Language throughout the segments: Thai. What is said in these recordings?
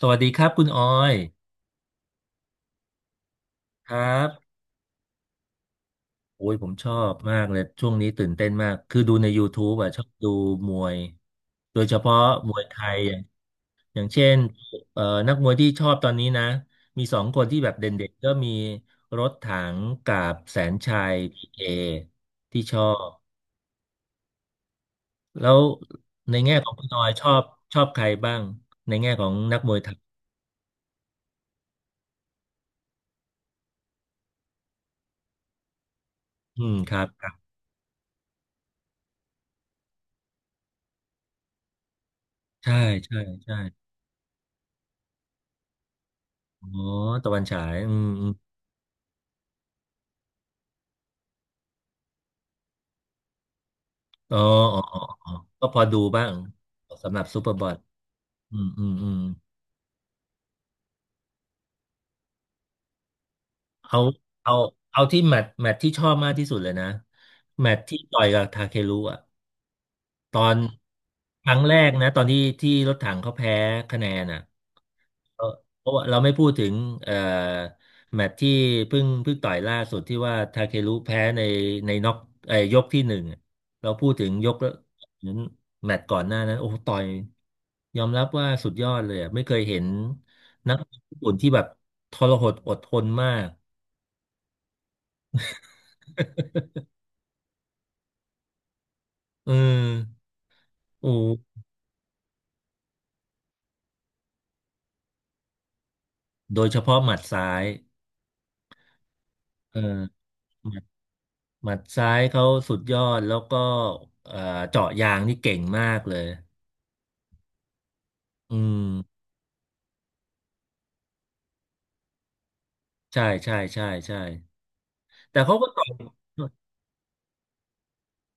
สวัสดีครับคุณออยครับโอ้ยผมชอบมากเลยช่วงนี้ตื่นเต้นมากคือดูใน YouTube อ่ะชอบดูมวยโดยเฉพาะมวยไทยอย่างเช่นเอ่อนักมวยที่ชอบตอนนี้นะมีสองคนที่แบบเด่นๆก็มีรถถังกับแสนชัยพีเคที่ชอบแล้วในแง่ของคุณออยชอบใครบ้างในแง่ของนักมวยไทยอืมครับครับใช่ใช่ใช่อ๋อตะวันฉายอืม อ๋ออ๋ออ๋ออ๋อ ก็พอดูบ้างสำหรับซูเปอร์บอทอืมอืมอืมเอาเอาเอาที่แมตช์ที่ชอบมากที่สุดเลยนะแมตช์ที่ต่อยกับทาเครุอ่ะตอนครั้งแรกนะตอนที่รถถังเขาแพ้คะแนนอ่ะ เออเพราะว่าเราไม่พูดถึงเอ่อแมตช์ที่เพิ่งต่อยล่าสุดที่ว่าทาเครุแพ้ในน็อกยกที่หนึ่งอะเราพูดถึงยกนั้นแมตช์ก่อนหน้านั้นโอ้โหต่อยยอมรับว่าสุดยอดเลยอะไม่เคยเห็นนักญี่ปุ่นที่แบบทรหดอดทนมากเออโอ้โดยเฉพาะหมัดซ้ายเออหมัดหมัดซ้ายเขาสุดยอดแล้วก็เอ่อเจาะยางนี่เก่งมากเลยอืม ใช่ใช่ใช่ใช่แต่เขาก็ตอบ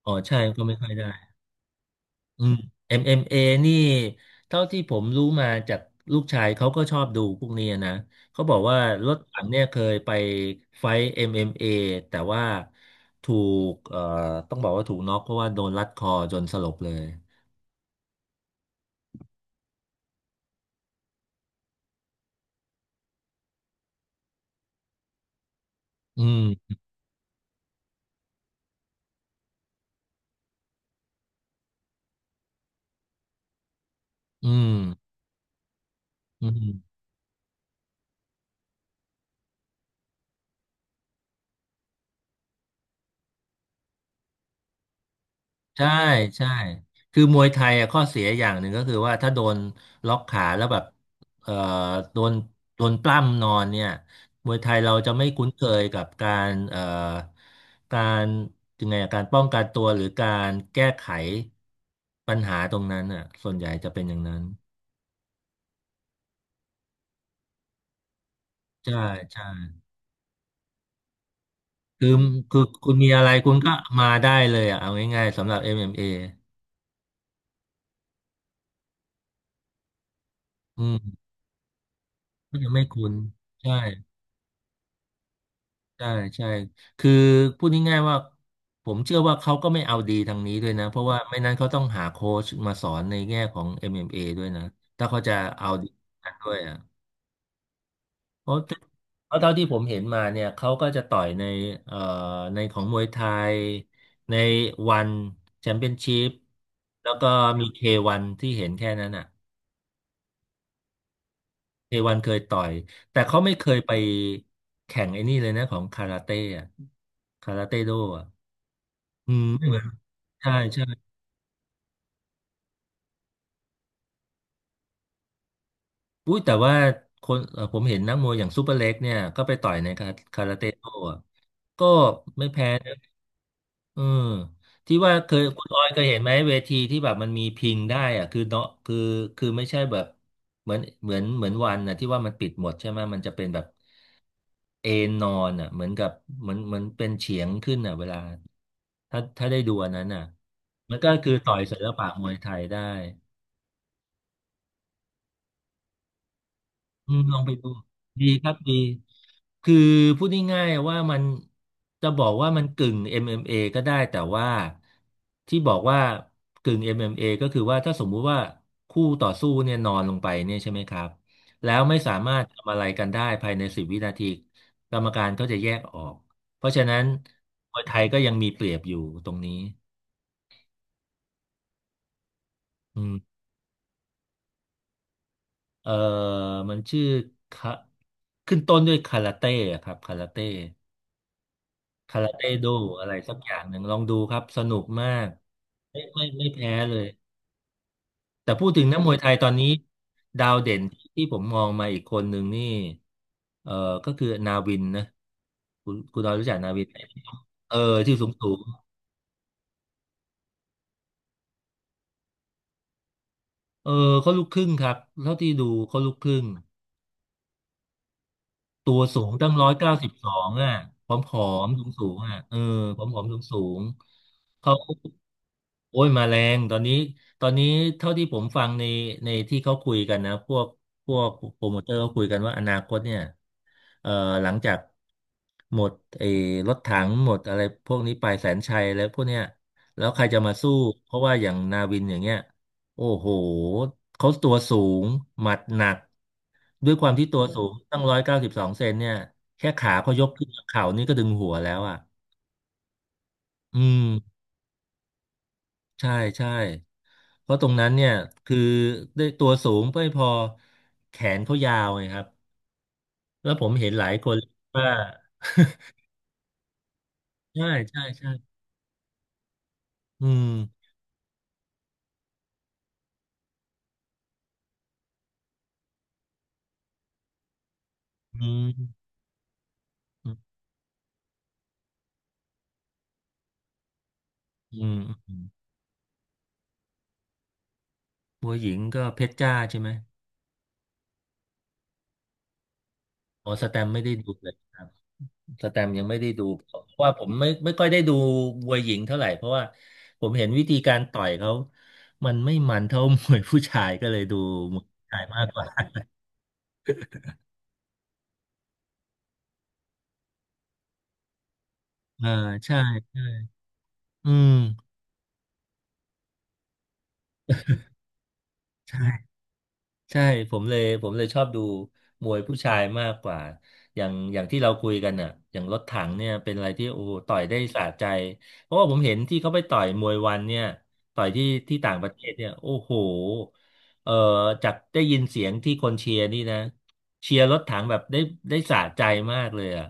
อ๋อใช่ก็ไม่ค่อยได้อืม MMA นี่เท่าที่ผมรู้มาจากลูกชายเขาก็ชอบดูพวกนี้นะเขาบอกว่ารถถังเนี่ยเคยไปไฟท์ MMA แต่ว่าถูกต้องบอกว่าถูกน็อกเพราะว่าโดนรัดคอจนสลบเลยอืมอืมอืม ใช่ใช่คือมวยไทยอะข้อเสียอย่างหนึ่งก็คือว่าถ้าโดนล็อกขาแล้วแบบเอ่อโดนโดนปล้ำนอนเนี่ยมวยไทยเราจะไม่คุ้นเคยกับการการยังไงอะการป้องกันตัวหรือการแก้ไขปัญหาตรงนั้นอ่ะส่วนใหญ่จะเป็นอย่างนั้นใช่ใช่คือคือคุณมีอะไรคุณก็มาได้เลยอ่ะเอาง่ายๆสำหรับ MMA อมเอ็มเออืมก็ยังไม่คุ้นใช่ ใช่ใช่ คือพูดง่ายๆว่าผมเชื่อว่าเขาก็ไม่เอาดีทางนี้ด้วยนะ เพราะว่าไม่นั้นเขาต้องหาโค้ชมาสอนในแง่ของ MMA ด้วยนะถ้าเขาจะเอาดีกันด้วยอ่ะเพราะเพราะเท่าที่ผมเห็นมาเนี่ยเขาก็จะต่อยในเอ่อในของมวยไทยในวันแชมเปี้ยนชิพแล้วก็มีเควันที่เห็นแค่นั้นอ่ะเควันเคยต่อยแต่เขาไม่เคยไปแข่งไอ้นี่เลยนะของคาราเต้อ่ะคาราเต้โดอ่ะอืม ใช่ใช่อุ้ยแต่ว่าคนผมเห็นนักมวยอย่างซูเปอร์เล็กเนี่ยก็ไปต่อยในคาคาราเต้โต้อะก็ไม่แพ้นะเออที่ว่าเคยคุณออยเคยเห็นไหมเวทีที่แบบมันมีพิงได้อะคือเนาะคือคือไม่ใช่แบบเหมือนวันนะที่ว่ามันปิดหมดใช่ไหมมันจะเป็นแบบเอนนอนอ่ะเหมือนกับเหมือนเป็นเฉียงขึ้นอ่ะเวลาถ้าได้ดูอันนั้นอ่ะมันก็คือต่อยศิลปะมวยไทยได้ อืมลองไปดูดีครับดีคือพูดง่ายๆว่ามันจะบอกว่ามันกึ่ง MMA ก็ได้แต่ว่าที่บอกว่ากึ่ง MMA ก็คือว่าถ้าสมมุติว่าคู่ต่อสู้เนี่ยนอนลงไปเนี่ยใช่ไหมครับแล้วไม่สามารถทำอะไรกันได้ภายใน10 วินาทีกรรมการก็จะแยกออกเพราะฉะนั้นมวยไทยก็ยังมีเปรียบอยู่ตรงนี้อืมเออมันชื่อคะขึ้นต้นด้วยคาราเต้อะครับคาราเต้ คาราเต้โดอะไรสักอย่างหนึ่งลองดูครับสนุกมากไม่ไม่ไม่แพ้เลยแต่พูดถึงนักมวยไทยตอนนี้ดาวเด่นที่ผมมองมาอีกคนหนึ่งนี่เออก็คือนาวินนะคุณดาวรู้จักนาวินไหมเออที่สูงสูงเออเขาลูกครึ่งครับเท่าที่ดูเขาลูกครึ่ง ตัวสูงตั้ง192อ่ะผอมผอมสูงสูงอ่ะเออผอมผอมสูงสูงเขาโอ้ยมาแรงตอนนี้เท่าที่ผมฟังในที่เขาคุยกันนะ พวกโปรโมเตอร์เขาคุยกันว่าอนาคตเนี่ยเอ่อหลังจากหมดไอ้รถถังหมดอะไรพวกนี้ไปแสนชัยแล้วพวกเนี้ยแล้วใครจะมาสู้เพราะว่าอย่างนาวินอย่างเงี้ย โอ้โหเขาตัวสูงหมัดหนักด้วยความที่ตัวสูงตั้ง192 เซนเนี่ยแค่ขาเขายกขึ้นจากเข่านี่ก็ดึงหัวแล้วอ่ะอืมใช่ใช่เพราะตรงนั้นเนี่ยคือได้ตัวสูงไม่พอแขนเขายาวไงครับแล้วผมเห็นหลายคนว่า ใช่ใช่ใช่อืมอืมอืมอืมอืมมวยหญิงก็เพชรจ้าใช่ไหมอ๋อสแตมไม่ได้ดูเลย สแตมยังไม่ได้ดูเพราะว่าผมไม่ค่อยได้ดูมวยหญิงเท่าไหร่เพราะว่าผมเห็นวิธีการต่อยเขา มันไม่มันเท่า มวยผู้ชายก็เลยดูมวยผู้ชายมากกว่าอ่าใช่อืมใช่ ใช่ผมเลยชอบดูมวยผู้ชายมากกว่าอย่างที่เราคุยกันน่ะอย่างรถถังเนี่ยเป็นอะไรที่โอ้โหต่อยได้สะใจเพราะว่าผมเห็นที่เขาไปต่อยมวยวันเนี่ยต่อยที่ที่ต่างประเทศเนี่ยโอ้โหเอ่อจากได้ยินเสียงที่คนเชียร์นี่นะเชียร์รถถังแบบได้ได้สะใจมากเลยอ่ะ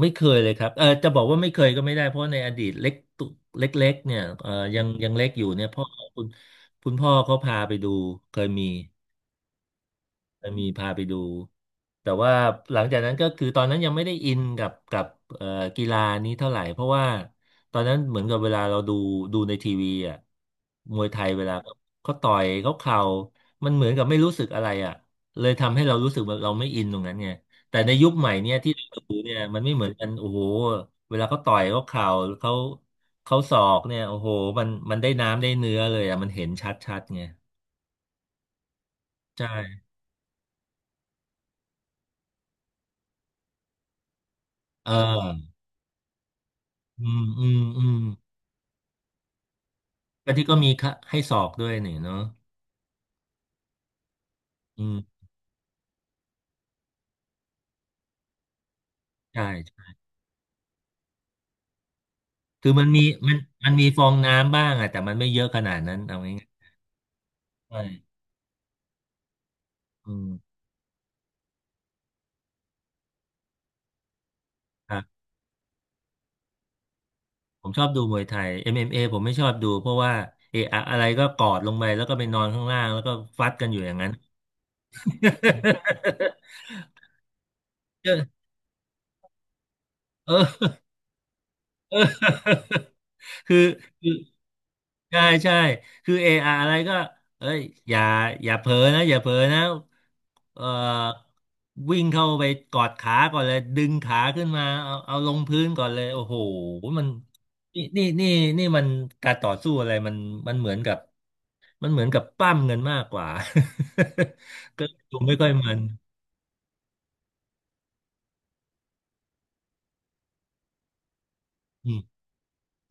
ไม่เคยเลยครับเออจะบอกว่าไม่เคยก็ไม่ได้เพราะในอดีตเล็กตุเล็กๆเนี่ยเออยังเล็กอยู่เนี่ยพ่อคุณคุณพ่อเขาพาไปดูเคยมี เออมีพาไปดูแต่ว่าหลังจากนั้นก็คือตอนนั้นยังไม่ได้อินกับเอ่อกีฬานี้เท่าไหร่เพราะว่าตอนนั้นเหมือนกับเวลาเราดูในทีวีอ่ะมวยไทยเวลาเขาต่อยเขาเข่ามันเหมือนกับไม่รู้สึกอะไรอ่ะเลยทำให้เรารู้สึกว่าเราไม่อินตรงนั้นไงแต่ในยุคใหม่เนี่ยที่เราดูเนี่ยมันไม่เหมือนกันโอ้โหเวลาเขาต่อยเขาเข่าเขาศอกเนี่ยโอ้โหมันมันได้น้ำได้เนื้อเลยอ่ะมันเห็นชัดชัดไงใช่เอออืมอืมอืม แล้วที่ก็มีค่ะให้สอบด้วยนี่เนาะอืมใช่คือมันมันมีฟองน้ำบ้างอะแต่มันไม่เยอะขนาดนั้นเอาง่ายๆใช่อืมครับผมชอบดูมวยไทย MMA ผมไม่ชอบดูเพราะว่าเอะอะอะไรก็กอดลงไปแล้วก็ไปนอนข้างล่างแล้วก็ฟัดกันอยู่อย่างนั้น เออเออ คือคือใช่ใช่คือเอออะไรก็เอ้ยอย่าอย่าเผลอนะอย่าเผลอนะเอ่อวิ่งเข้าไปกอดขาก่อนเลยดึงขาขึ้นมาเอาเอาลงพื้นก่อนเลยโอ้โหมันนี่นี่มันการต่อสู้อะไรมันมันเหมือนกับมันเหมือนกับปั้มเงินมากกว่า ก็ดูไม่ค่อยมันอืม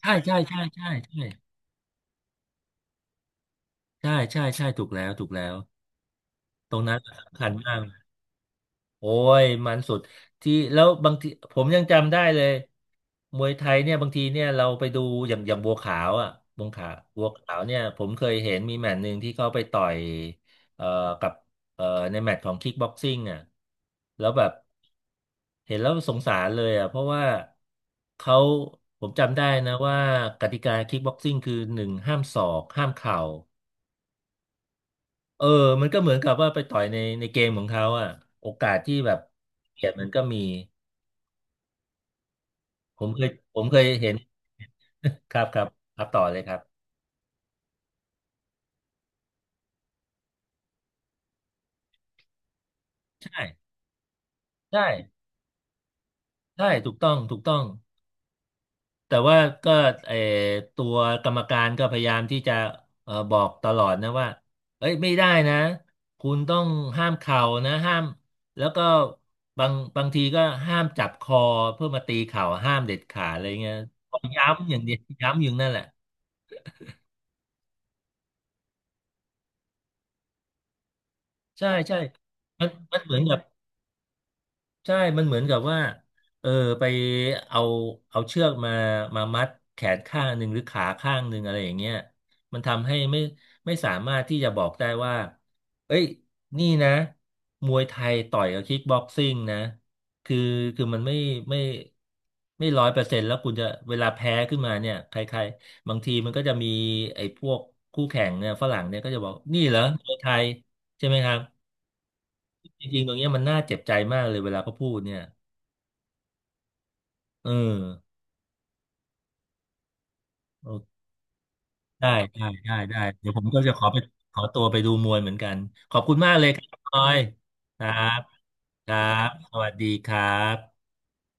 ใช่ใช่ใช่ใช่ใช่ใช่ใช่ใช่ถูกแล้วถูกแล้วตรงนั้นสำคัญมาก โอ้ยมันสุดที่แล้วบางทีผมยังจำได้เลยมวยไทยเนี่ยบางทีเนี่ยเราไปดูอย่างบัวขาวอ่ะบัวขาวเนี่ยผมเคยเห็นมีแมตช์หนึ่งที่เขาไปต่อยเอ่อกับเอ่อในแมตช์ของคิกบ็อกซิ่งอ่ะแล้วแบบเห็นแล้วสงสารเลยอ่ะเพราะว่าเขาผมจำได้นะว่ากติกาคิกบ็อกซิ่งคือหนึ่งห้ามศอกห้ามเข่า เออมันก็เหมือนกับว่าไปต่อยในเกมของเขาอ่ะโอกาสที่แบบเกียรติมันก็มี ผมเคยเห็น ครับครับต่อเลยครับ ใช่ใช่ใช่ถูกต้อง ถูกต้อง แต่ว่าก็เออตัวกรรมการก็พยายามที่จะเออบอกตลอดนะว่าเอ้ยไม่ได้นะ คุณต้องห้ามเข่านะห้ามแล้วก็บางทีก็ห้ามจับคอเพื่อมาตีเข่าห้ามเด็ดขาดอะไรเงี้ยก็ย้ำอย่างเดียวย้ำอยู่นั่นแหละ ใช่ใช่มันเหมือนกับใช่มันเหมือนกับว่าเออไปเอาเอาเชือกมามัดแขนข้างหนึ่งหรือขาข้างหนึ่งอะไรอย่างเงี้ยมันทำให้ไม่สามารถที่จะบอกได้ว่าเอ้ยนี่นะมวยไทยต่อยกับคิกบ็อกซิ่งนะคือคือมันไม่ไม่100%แล้วคุณจะเวลาแพ้ขึ้นมาเนี่ยใครๆบางทีมันก็จะมีไอ้พวกคู่แข่งเนี่ยฝรั่งเนี่ยก็จะบอกนี่เหรอมวยไทยใช่ไหมครับ จริงๆตรงเนี้ยมันน่าเจ็บใจมากเลยเวลาเขาพูดเนี่ยเออโอได้ได้ได้ได้เดี๋ยวผมก็จะขอไปขอตัวไปดูมวยเหมือนกัน ขอบคุณมากเลยครับคุณออยครับ ครับ สวัสดีครับ